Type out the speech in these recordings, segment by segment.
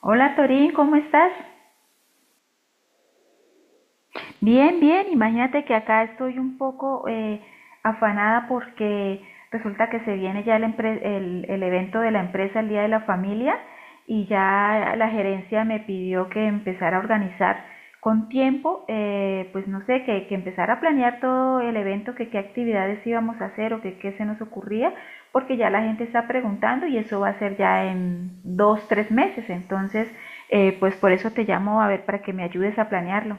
Hola Torín, ¿cómo estás? Bien, bien, imagínate que acá estoy un poco afanada porque resulta que se viene ya el evento de la empresa, el Día de la Familia, y ya la gerencia me pidió que empezara a organizar con tiempo, pues no sé, que empezara a planear todo el evento, que qué actividades íbamos a hacer o que qué se nos ocurría, porque ya la gente está preguntando y eso va a ser ya en 2, 3 meses, entonces, pues por eso te llamo a ver para que me ayudes a planearlo.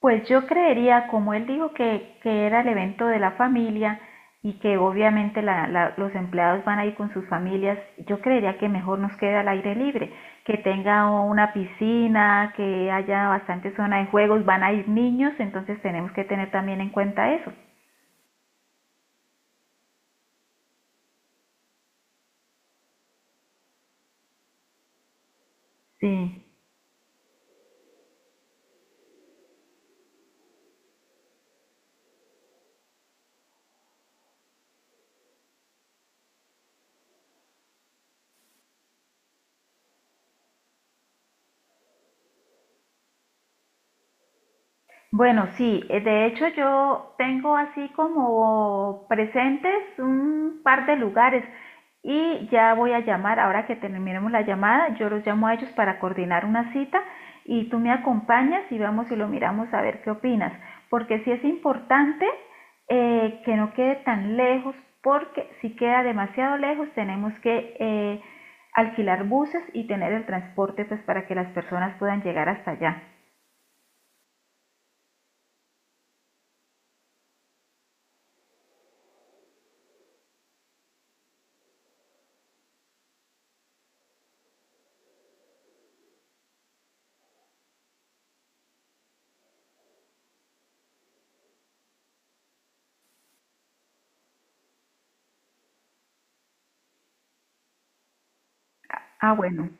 Pues yo creería, como él dijo que era el evento de la familia y que obviamente los empleados van a ir con sus familias, yo creería que mejor nos queda al aire libre, que tenga una piscina, que haya bastante zona de juegos, van a ir niños, entonces tenemos que tener también en cuenta eso. Sí. Bueno, sí, de hecho yo tengo así como presentes un par de lugares y ya voy a llamar, ahora que terminemos la llamada, yo los llamo a ellos para coordinar una cita y tú me acompañas y vamos y lo miramos a ver qué opinas, porque sí es importante que no quede tan lejos, porque si queda demasiado lejos tenemos que alquilar buses y tener el transporte pues para que las personas puedan llegar hasta allá. Ah, bueno.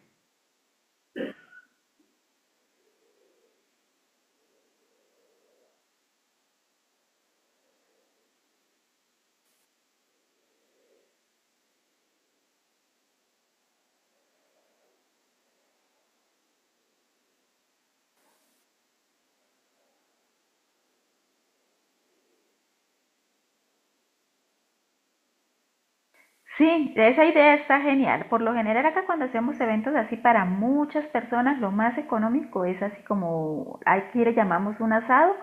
Sí, esa idea está genial. Por lo general acá cuando hacemos eventos así para muchas personas, lo más económico es así como aquí le llamamos un asado,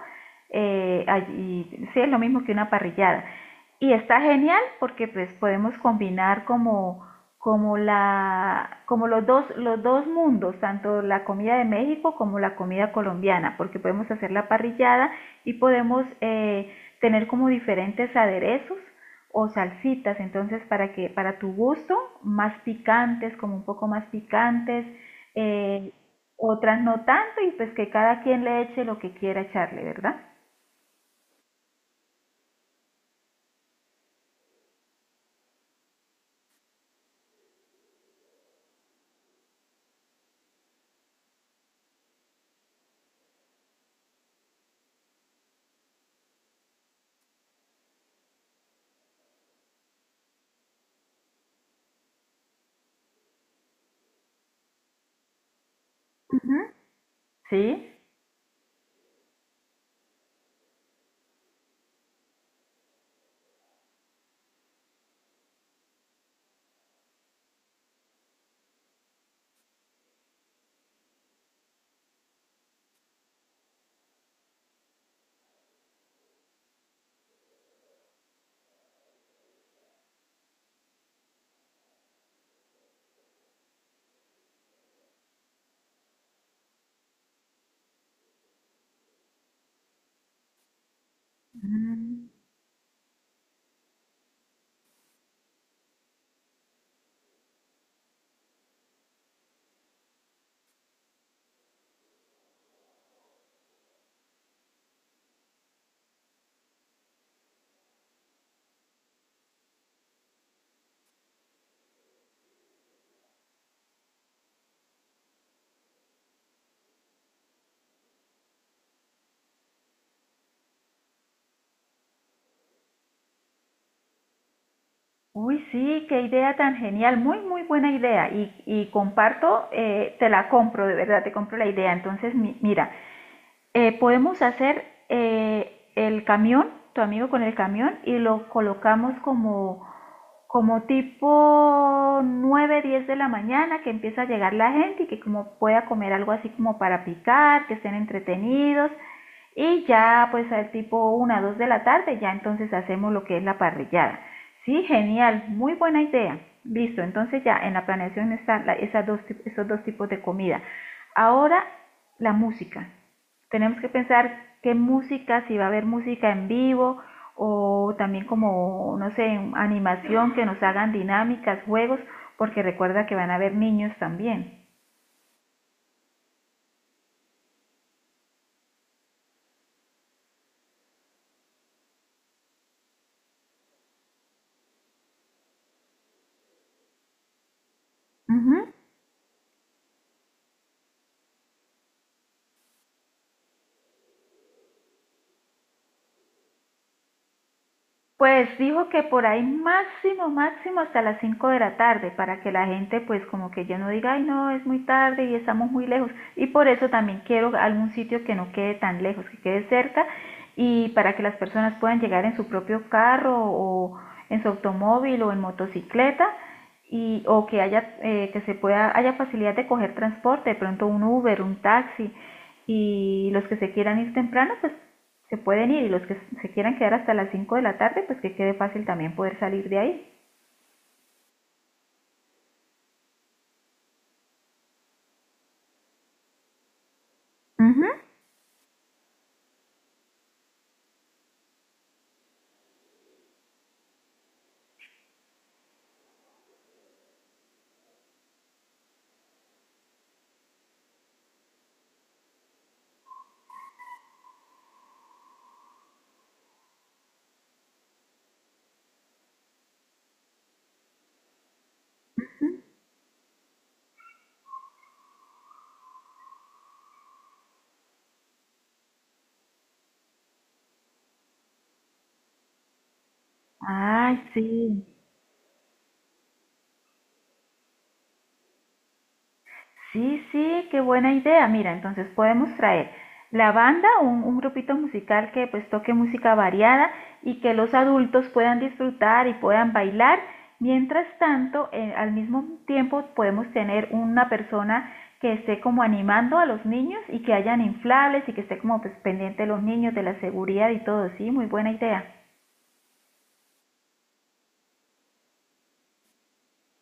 eh, allí- sí es lo mismo que una parrillada. Y está genial porque pues podemos combinar como los dos mundos, tanto la comida de México como la comida colombiana, porque podemos hacer la parrillada y podemos tener como diferentes aderezos o salsitas, entonces para tu gusto, como un poco más picantes, eh, otras no tanto y pues que cada quien le eche lo que quiera echarle, ¿verdad? Ujú. Sí. Mm. Uy, sí, qué idea tan genial, muy, muy buena idea. Y comparto, te la compro, de verdad, te compro la idea. Entonces, mira, podemos hacer el camión, tu amigo con el camión, y lo colocamos como tipo 9, 10 de la mañana que empieza a llegar la gente y que como pueda comer algo así como para picar, que estén entretenidos, y ya pues al tipo 1, 2 de la tarde, ya entonces hacemos lo que es la parrillada. Sí, genial, muy buena idea. Listo, entonces ya en la planeación están esos dos tipos de comida. Ahora la música. Tenemos que pensar qué música, si va a haber música en vivo o también como, no sé, animación que nos hagan dinámicas, juegos, porque recuerda que van a haber niños también. Uh -huh. Pues dijo que por ahí máximo, máximo hasta las 5 de la tarde, para que la gente pues como que ya no diga, ay no, es muy tarde y estamos muy lejos. Y por eso también quiero algún sitio que no quede tan lejos, que quede cerca y para que las personas puedan llegar en su propio carro o en su automóvil o en motocicleta y o que haya que se pueda haya facilidad de coger transporte, de pronto un Uber, un taxi y los que se quieran ir temprano pues se pueden ir y los que se quieran quedar hasta las 5 de la tarde, pues que quede fácil también poder salir de ahí. Ujú. Ay, sí, sí, sí, qué buena idea. Mira, entonces podemos traer la banda, un grupito musical que pues toque música variada y que los adultos puedan disfrutar y puedan bailar. Mientras tanto, al mismo tiempo podemos tener una persona que esté como animando a los niños y que hayan inflables y que esté como pues, pendiente de los niños, de la seguridad y todo. Sí, muy buena idea.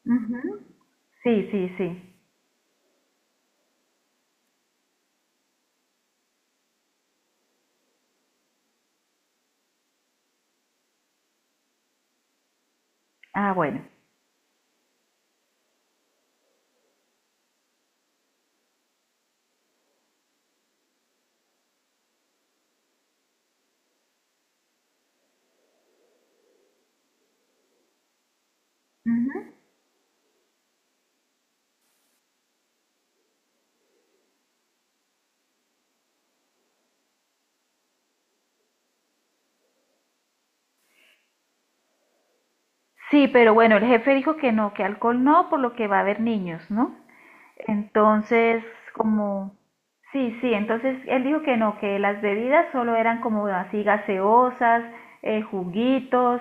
Ujú. Sí, sí, sí. Ah, bueno. Ujú. Sí, pero bueno, el jefe dijo que no, que alcohol no, por lo que va a haber niños, ¿no? Entonces, como, sí, sí, entonces él dijo que no, que las bebidas solo eran como así gaseosas, juguitos,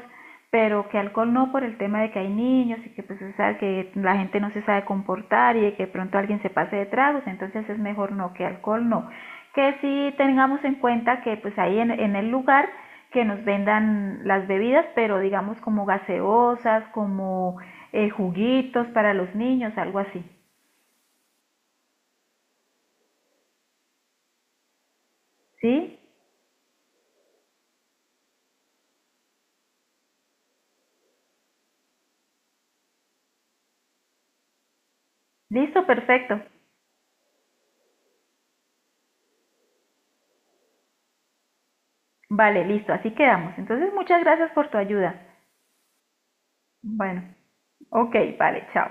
pero que alcohol no por el tema de que hay niños y que pues o sea, que la gente no se sabe comportar y de que pronto alguien se pase de tragos, entonces es mejor no, que alcohol no. Que sí tengamos en cuenta que pues ahí en el lugar que nos vendan las bebidas, pero digamos como gaseosas, como juguitos para los niños, algo así, ¿sí? Listo, perfecto. Vale, listo, así quedamos. Entonces, muchas gracias por tu ayuda. Bueno, ok, vale, chao.